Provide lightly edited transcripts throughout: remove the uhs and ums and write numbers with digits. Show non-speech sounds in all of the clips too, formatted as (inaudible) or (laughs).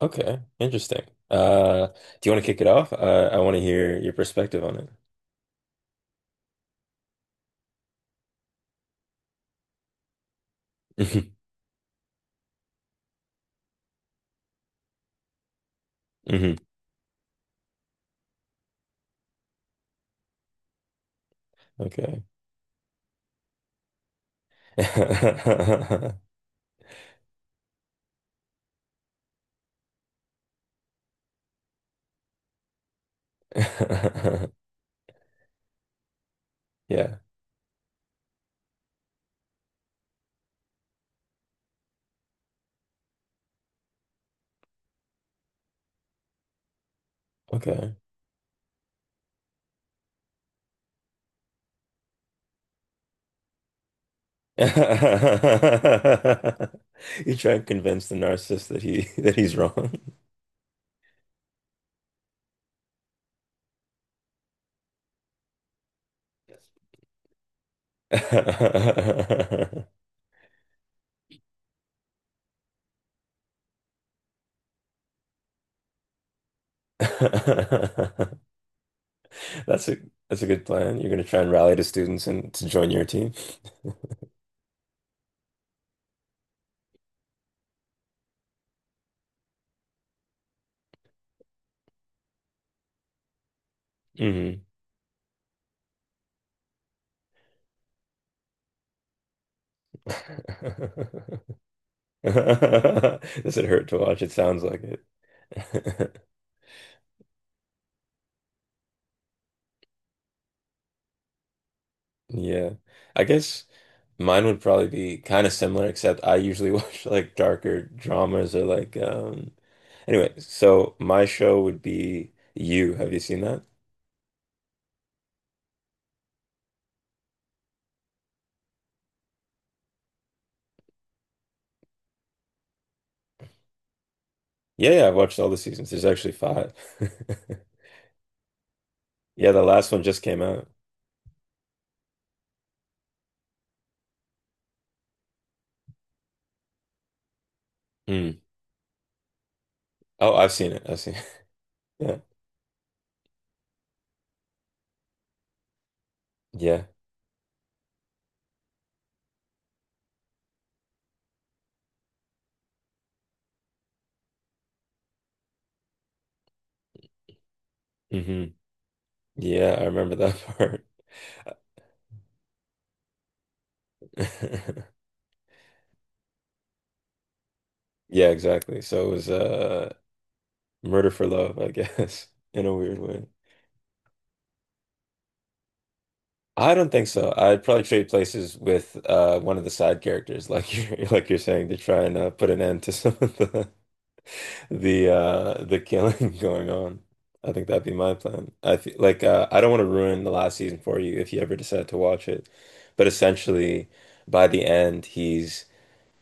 Okay, interesting. Uh, do you want to kick it off? I want to hear your perspective on it. (laughs) hmm Okay. (laughs) Yeah. Okay. (laughs) You try and convince the narcissist that he (laughs) that he's wrong. (laughs) That's a that's a good plan. You're gonna try and rally the students and to join your team. (laughs) hmm (laughs) (laughs) Does it hurt to watch? It sounds like it. (laughs) Yeah. I guess mine would probably be kind of similar, except I usually (laughs) watch like darker dramas or anyway, so my show would be You. Have you seen that? Yeah, yeah, I've watched all the seasons. There's actually five. (laughs) Yeah, the last one just came out. Mm. Oh, I've seen it. I've seen it. (laughs) Yeah. Yeah. hmm Yeah, I remember that (laughs) part. (laughs) Yeah, exactly. So it was murder for love, I guess, (laughs) in a weird way. I don't think so. I'd probably trade places with one of the side characters, like you're (laughs) like you're saying, to try and put an end to some of the the killing (laughs) going on. I think that'd be my plan. I feel like I don't want to ruin the last season for you if you ever decide to watch it, but essentially, by the end, he's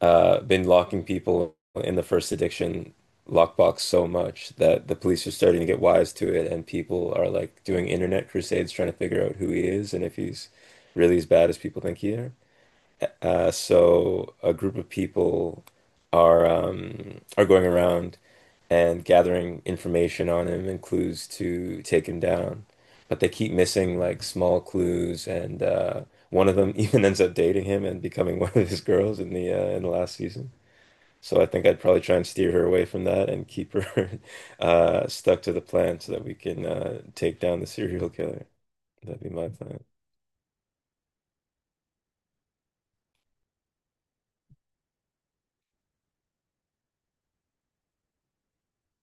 been locking people in the first addiction lockbox so much that the police are starting to get wise to it, and people are like doing internet crusades trying to figure out who he is and if he's really as bad as people think he is. So a group of people are going around and gathering information on him and clues to take him down. But they keep missing like small clues, and one of them (laughs) even ends up dating him and becoming one of his girls in the last season. So I think I'd probably try and steer her away from that and keep her (laughs) stuck to the plan so that we can take down the serial killer. That'd be my plan.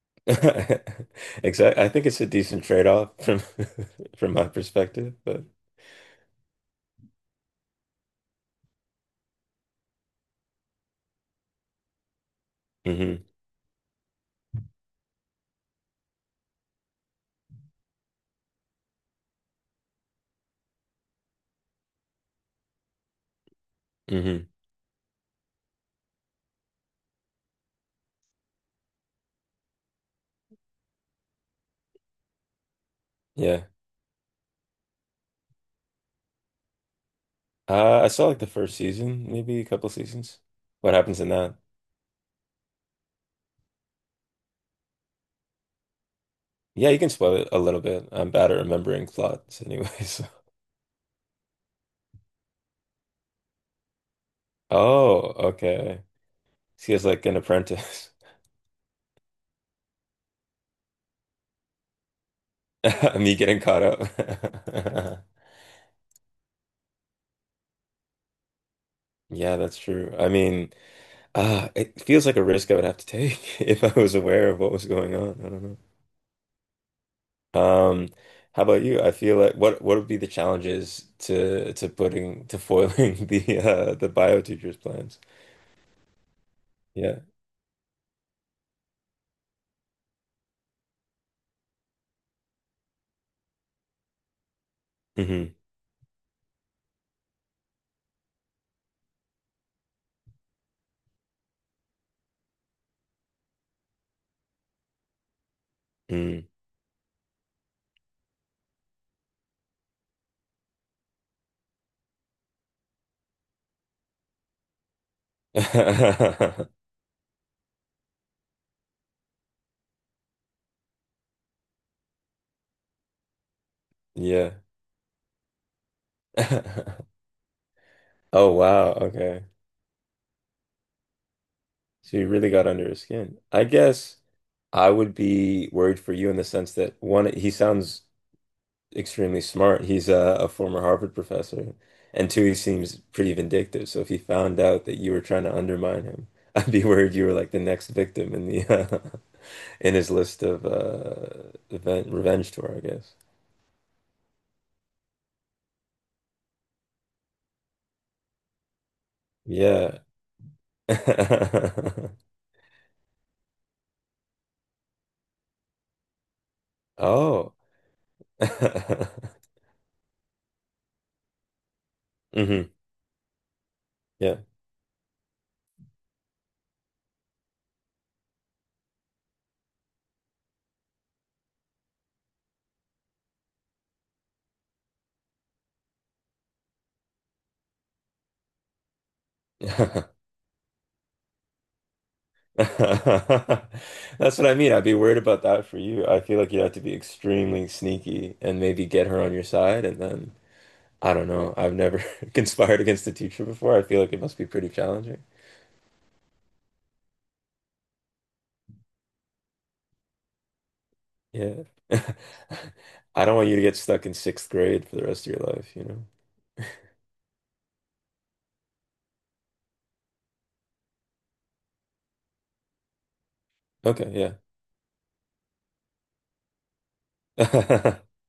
(laughs) Exactly. I think it's a decent trade-off from (laughs) from my perspective, but hmm hmm yeah. I saw like the first season, maybe a couple seasons. What happens in that? Yeah, you can spoil it a little bit. I'm bad at remembering plots anyways. (laughs) Oh, okay. She has like an apprentice. (laughs) Me getting caught up. (laughs) Yeah, that's true. I mean, it feels like a risk I would have to take (laughs) if I was aware of what was going on. I don't know. Um, how about you? I feel like what would be the challenges to putting to foiling (laughs) the bio teacher's plans? Yeah. hmm Mm. (laughs) Yeah. (laughs) Oh wow, okay. So you really got under his skin. I guess I would be worried for you in the sense that one, he sounds extremely smart. He's a former Harvard professor. And two, he seems pretty vindictive. So if he found out that you were trying to undermine him, (laughs) I'd be worried you were like the next victim in the (laughs) in his list of event revenge tour, I guess. Yeah. (laughs) Oh. (laughs) hmm Yeah. (laughs) That's what I mean. I'd be worried about that for you. I feel like you'd have to be extremely sneaky and maybe get her on your side, and then I don't know. I've never (laughs) conspired against a teacher before. I feel like it must be pretty challenging. Yeah. (laughs) I don't want you to get stuck in sixth grade for the rest of your life, you know? Okay, yeah. (laughs)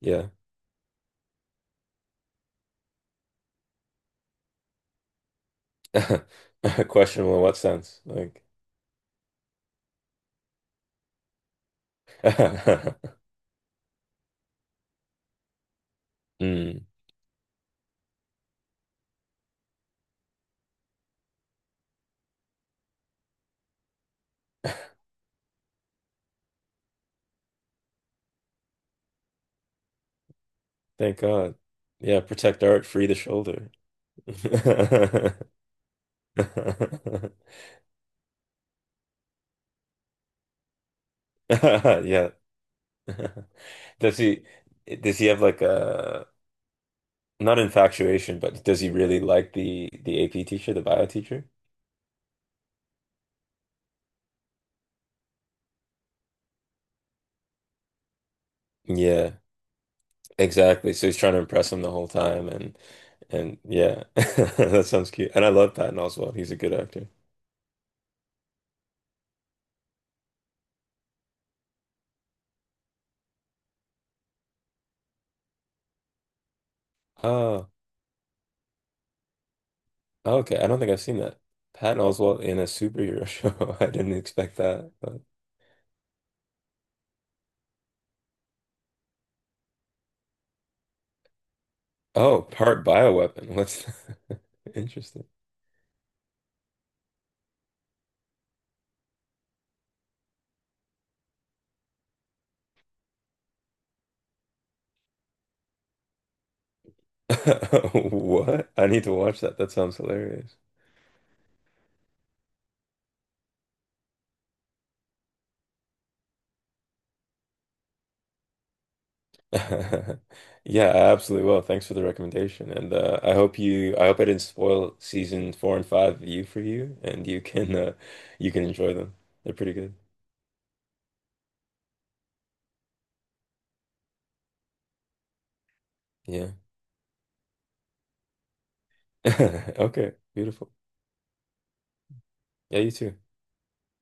Yeah. (laughs) Questionable in what sense? Like, (laughs) mm, thank God. Yeah, protect art, free the shoulder. (laughs) Yeah. (laughs) Does he does he have like a not infatuation, but does he really like the AP teacher, the bio teacher? Yeah, exactly. So he's trying to impress him the whole time, and yeah, (laughs) that sounds cute. And I love Patton Oswalt. He's a good actor. Oh, okay. I don't think I've seen that. Patton Oswalt in a superhero (laughs) show. I didn't expect that. But... Oh, part bioweapon. What's (laughs) interesting. (laughs) What? I need to watch that. That sounds hilarious. (laughs) Yeah, I absolutely will. Thanks for the recommendation. And I hope I didn't spoil seasons 4 and 5 you for you and you can enjoy them. They're pretty good. Yeah. (laughs) Okay, beautiful. Yeah, you too.